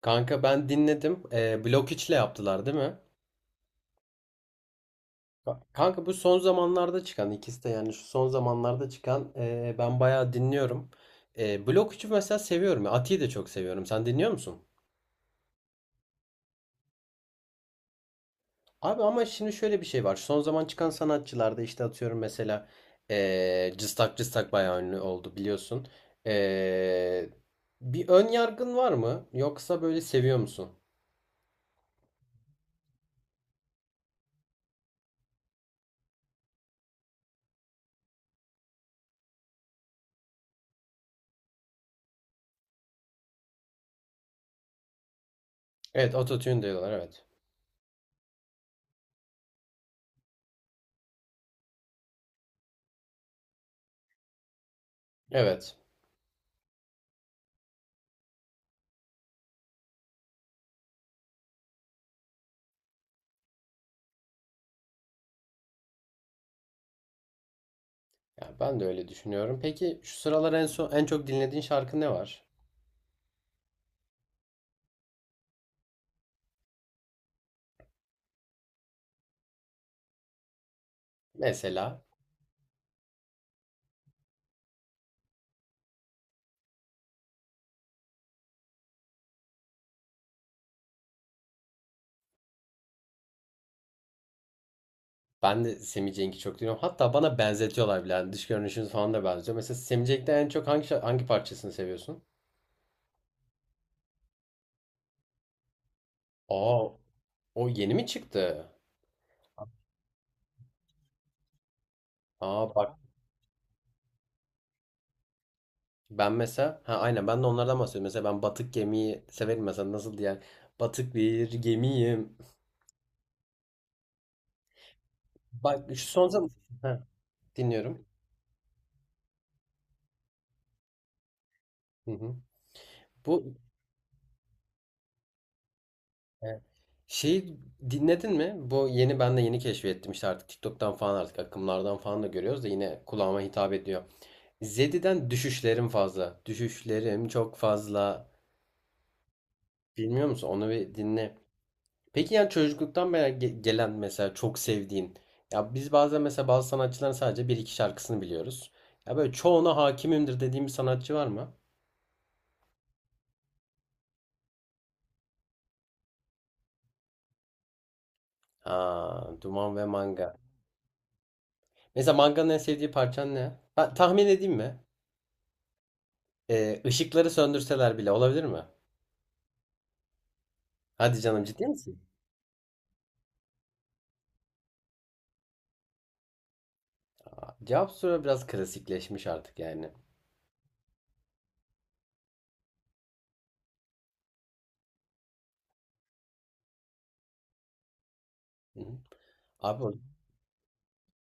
Kanka ben dinledim. Blok 3'le yaptılar değil mi? Kanka bu son zamanlarda çıkan ikisi de yani şu son zamanlarda çıkan ben bayağı dinliyorum. Blok 3'ü mesela seviyorum. Ati'yi de çok seviyorum. Sen dinliyor musun? Abi ama şimdi şöyle bir şey var. Son zaman çıkan sanatçılarda işte atıyorum mesela Cıstak Cıstak bayağı ünlü oldu biliyorsun. Ee, bir ön yargın var mı? Yoksa böyle seviyor musun? Evet, autotune diyorlar, evet. Evet. Ya ben de öyle düşünüyorum. Peki şu sıralar en son en çok dinlediğin şarkı ne var? Mesela ben de Semih Cenk'i çok dinliyorum. Hatta bana benzetiyorlar bile. Yani dış görünüşümüz falan da benziyor. Mesela Semih Cenk'te en çok hangi hangi parçasını seviyorsun? Aa, o yeni mi çıktı? Aa bak, ben mesela ha aynen ben de onlardan bahsediyorum. Mesela ben batık gemiyi severim mesela nasıl diye. Batık bir gemiyim. Bak şu son zaman ha, dinliyorum. Hı hı. Bu evet. Şeyi dinledin mi? Bu yeni ben de yeni keşfettim işte artık TikTok'tan falan artık akımlardan falan da görüyoruz da yine kulağıma hitap ediyor. Zedi'den düşüşlerim fazla. Düşüşlerim çok fazla. Bilmiyor musun? Onu bir dinle. Peki yani çocukluktan beri gelen mesela çok sevdiğin. Ya biz bazen mesela bazı sanatçıların sadece bir iki şarkısını biliyoruz. Ya böyle çoğuna hakimimdir dediğim bir sanatçı var mı? Aa, Duman ve Manga. Mesela Manga'nın en sevdiği parçan ne? Ha, tahmin edeyim mi? Işıkları söndürseler bile olabilir mi? Hadi canım, ciddi misin? Cevap soru biraz klasikleşmiş artık yani. Hı hı. Abi,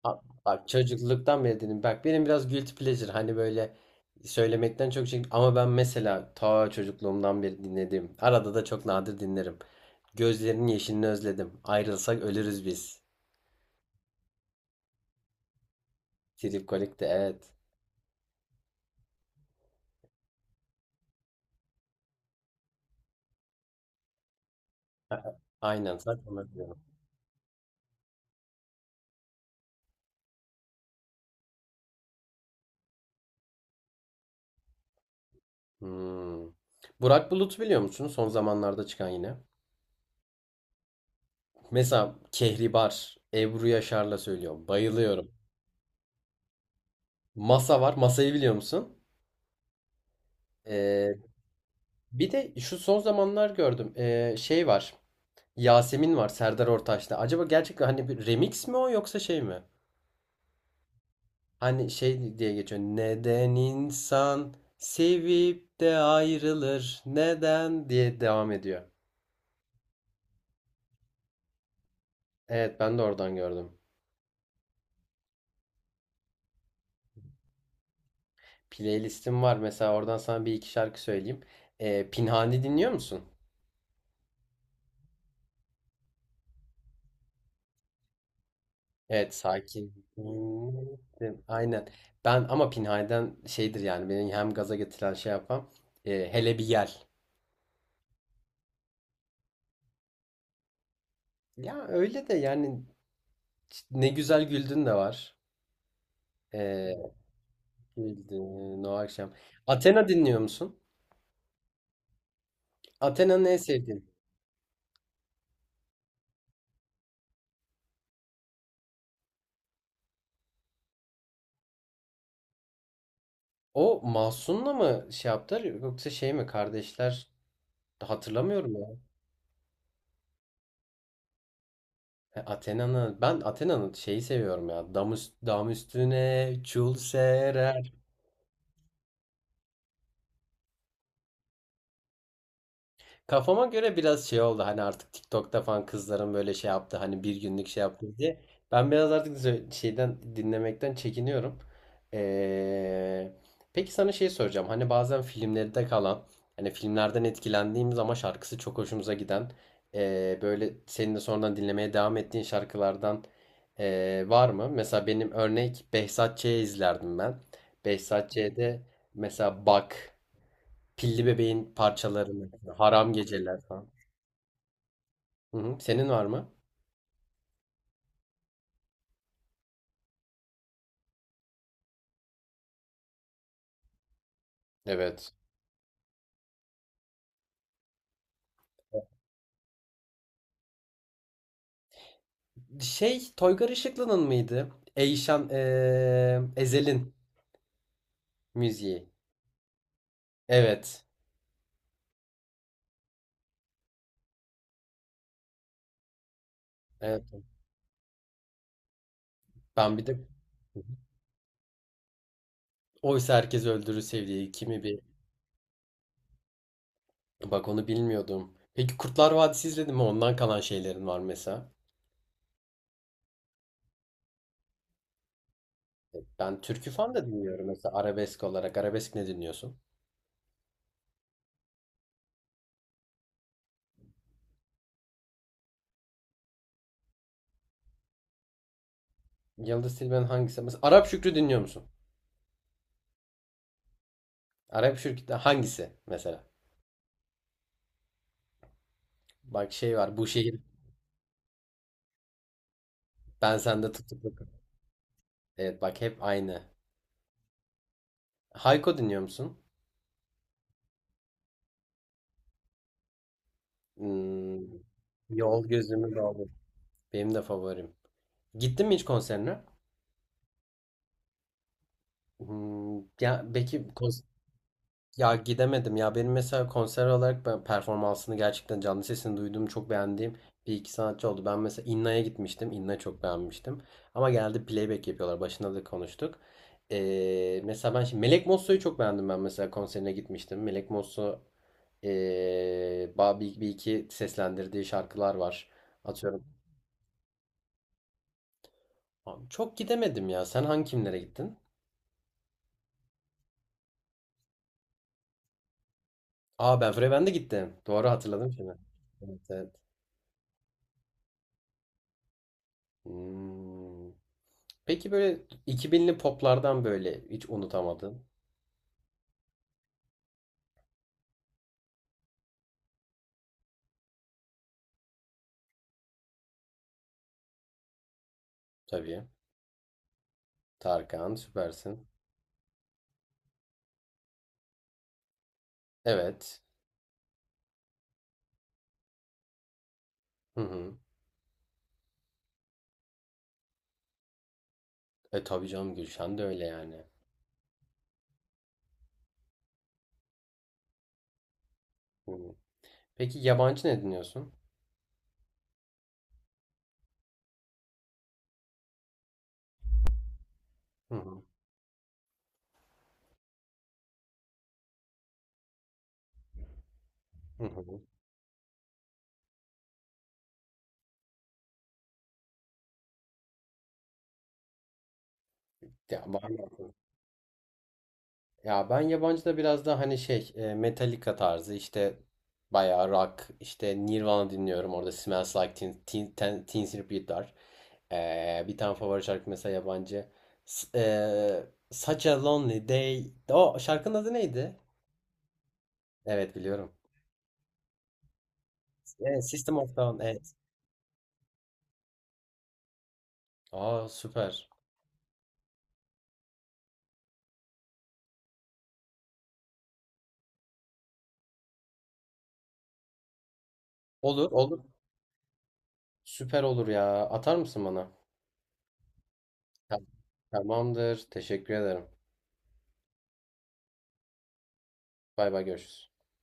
a- abi çocukluktan beri dedim. Bak, benim biraz guilty pleasure hani böyle söylemekten çok şey ama ben mesela ta çocukluğumdan beri dinlediğim arada da çok nadir dinlerim. Gözlerinin yeşilini özledim. Ayrılsak ölürüz biz. Trip Kolik'te evet. A- Aynen, sen onu biliyorum. Hmm. Burak Bulut biliyor musun? Son zamanlarda çıkan yine. Mesela Kehribar, Ebru Yaşar'la söylüyorum. Bayılıyorum. Masa var. Masayı biliyor musun? Ee, bir de şu son zamanlar gördüm. Şey var. Yasemin var Serdar Ortaç'ta. Acaba gerçekten hani bir remix mi o yoksa şey mi? Hani şey diye geçiyor. Neden insan sevip de ayrılır? Neden diye devam ediyor. Evet, ben de oradan gördüm. Playlistim var. Mesela oradan sana bir iki şarkı söyleyeyim. Pinhani dinliyor musun? Evet, sakin. Hmm, aynen. Ben ama Pinhay'den şeydir yani beni hem gaza getiren şey yapan hele bir gel. Ya öyle de yani, ne güzel güldün de var. E, güldün o akşam. Athena dinliyor musun? Athena'nın en sevdiğin. O Mahsun'la mı şey yaptılar yoksa şey mi kardeşler, hatırlamıyorum ya. Athena'nın, ben Athena'nın şeyi seviyorum ya. Dam, dam üstüne çul serer. Kafama göre biraz şey oldu hani artık TikTok'ta falan kızların böyle şey yaptı hani bir günlük şey yaptı diye. Ben biraz artık şeyden dinlemekten çekiniyorum. Ee, peki sana şey soracağım, hani bazen filmlerde kalan, hani filmlerden etkilendiğimiz ama şarkısı çok hoşumuza giden böyle senin de sonradan dinlemeye devam ettiğin şarkılardan var mı? Mesela benim örnek Behzat Ç'yi izlerdim ben. Behzat Ç'de mesela bak, Pilli Bebeğin parçalarını, Haram Geceler falan. Hı hı. Senin var mı? Evet. Şey, Toygar Işıklı'nın mıydı? Eyşan Ezel'in müziği. Evet. Evet. Ben bir de oysa herkes öldürür sevdiği kimi bir, bak onu bilmiyordum. Peki Kurtlar Vadisi izledin mi? Ondan kalan şeylerin var mesela. Ben türkü falan da dinliyorum mesela, arabesk olarak. Arabesk ne dinliyorsun? Yıldız Tilbe'nin hangisi? Mesela Arap Şükrü dinliyor musun? Arap Şükrü'den hangisi mesela? Bak şey var. Bu şehir, ben sende tutukluk. Evet, bak hep aynı. Hayko dinliyor musun? Hmm, Yol Gözümü Doldu. Benim de favorim. Gittin mi hiç konserine? Hmm, ya belki. Ya gidemedim ya, benim mesela konser olarak ben performansını gerçekten canlı sesini duyduğum çok beğendiğim bir iki sanatçı oldu. Ben mesela İnna'ya gitmiştim. İnna çok beğenmiştim. Ama geldi playback yapıyorlar. Başında da konuştuk. Mesela ben şimdi Melek Mosso'yu çok beğendim, ben mesela konserine gitmiştim. Melek Mosso ee, bir iki seslendirdiği şarkılar var. Atıyorum. Abi, çok gidemedim ya. Sen hangi kimlere gittin? Aa, ben Freven'de gittim. Doğru hatırladım şimdi. Evet, evet. Hmm. Peki böyle 2000'li poplardan böyle hiç unutamadın. Tabii. Tarkan süpersin. Evet. Hı hı. E tabii canım, Gülşen de öyle yani. Hı hı. Peki yabancı ne dinliyorsun? Hı hı. Hı hı. Ya var mı? Ya ben yabancıda biraz daha hani şey, Metallica tarzı işte, bayağı rock işte Nirvana dinliyorum, orada Smells Like Teen, Teen, Teen, Teen Spirit var. Bir tane favori şarkı mesela yabancı. S Such a Lonely Day. O şarkının adı neydi? Evet, biliyorum. E, System of Down, evet. Aa, süper. Olur, olur. Süper olur ya. Atar mısın bana? Tamam. Tamamdır. Teşekkür ederim. Bay bay, görüşürüz.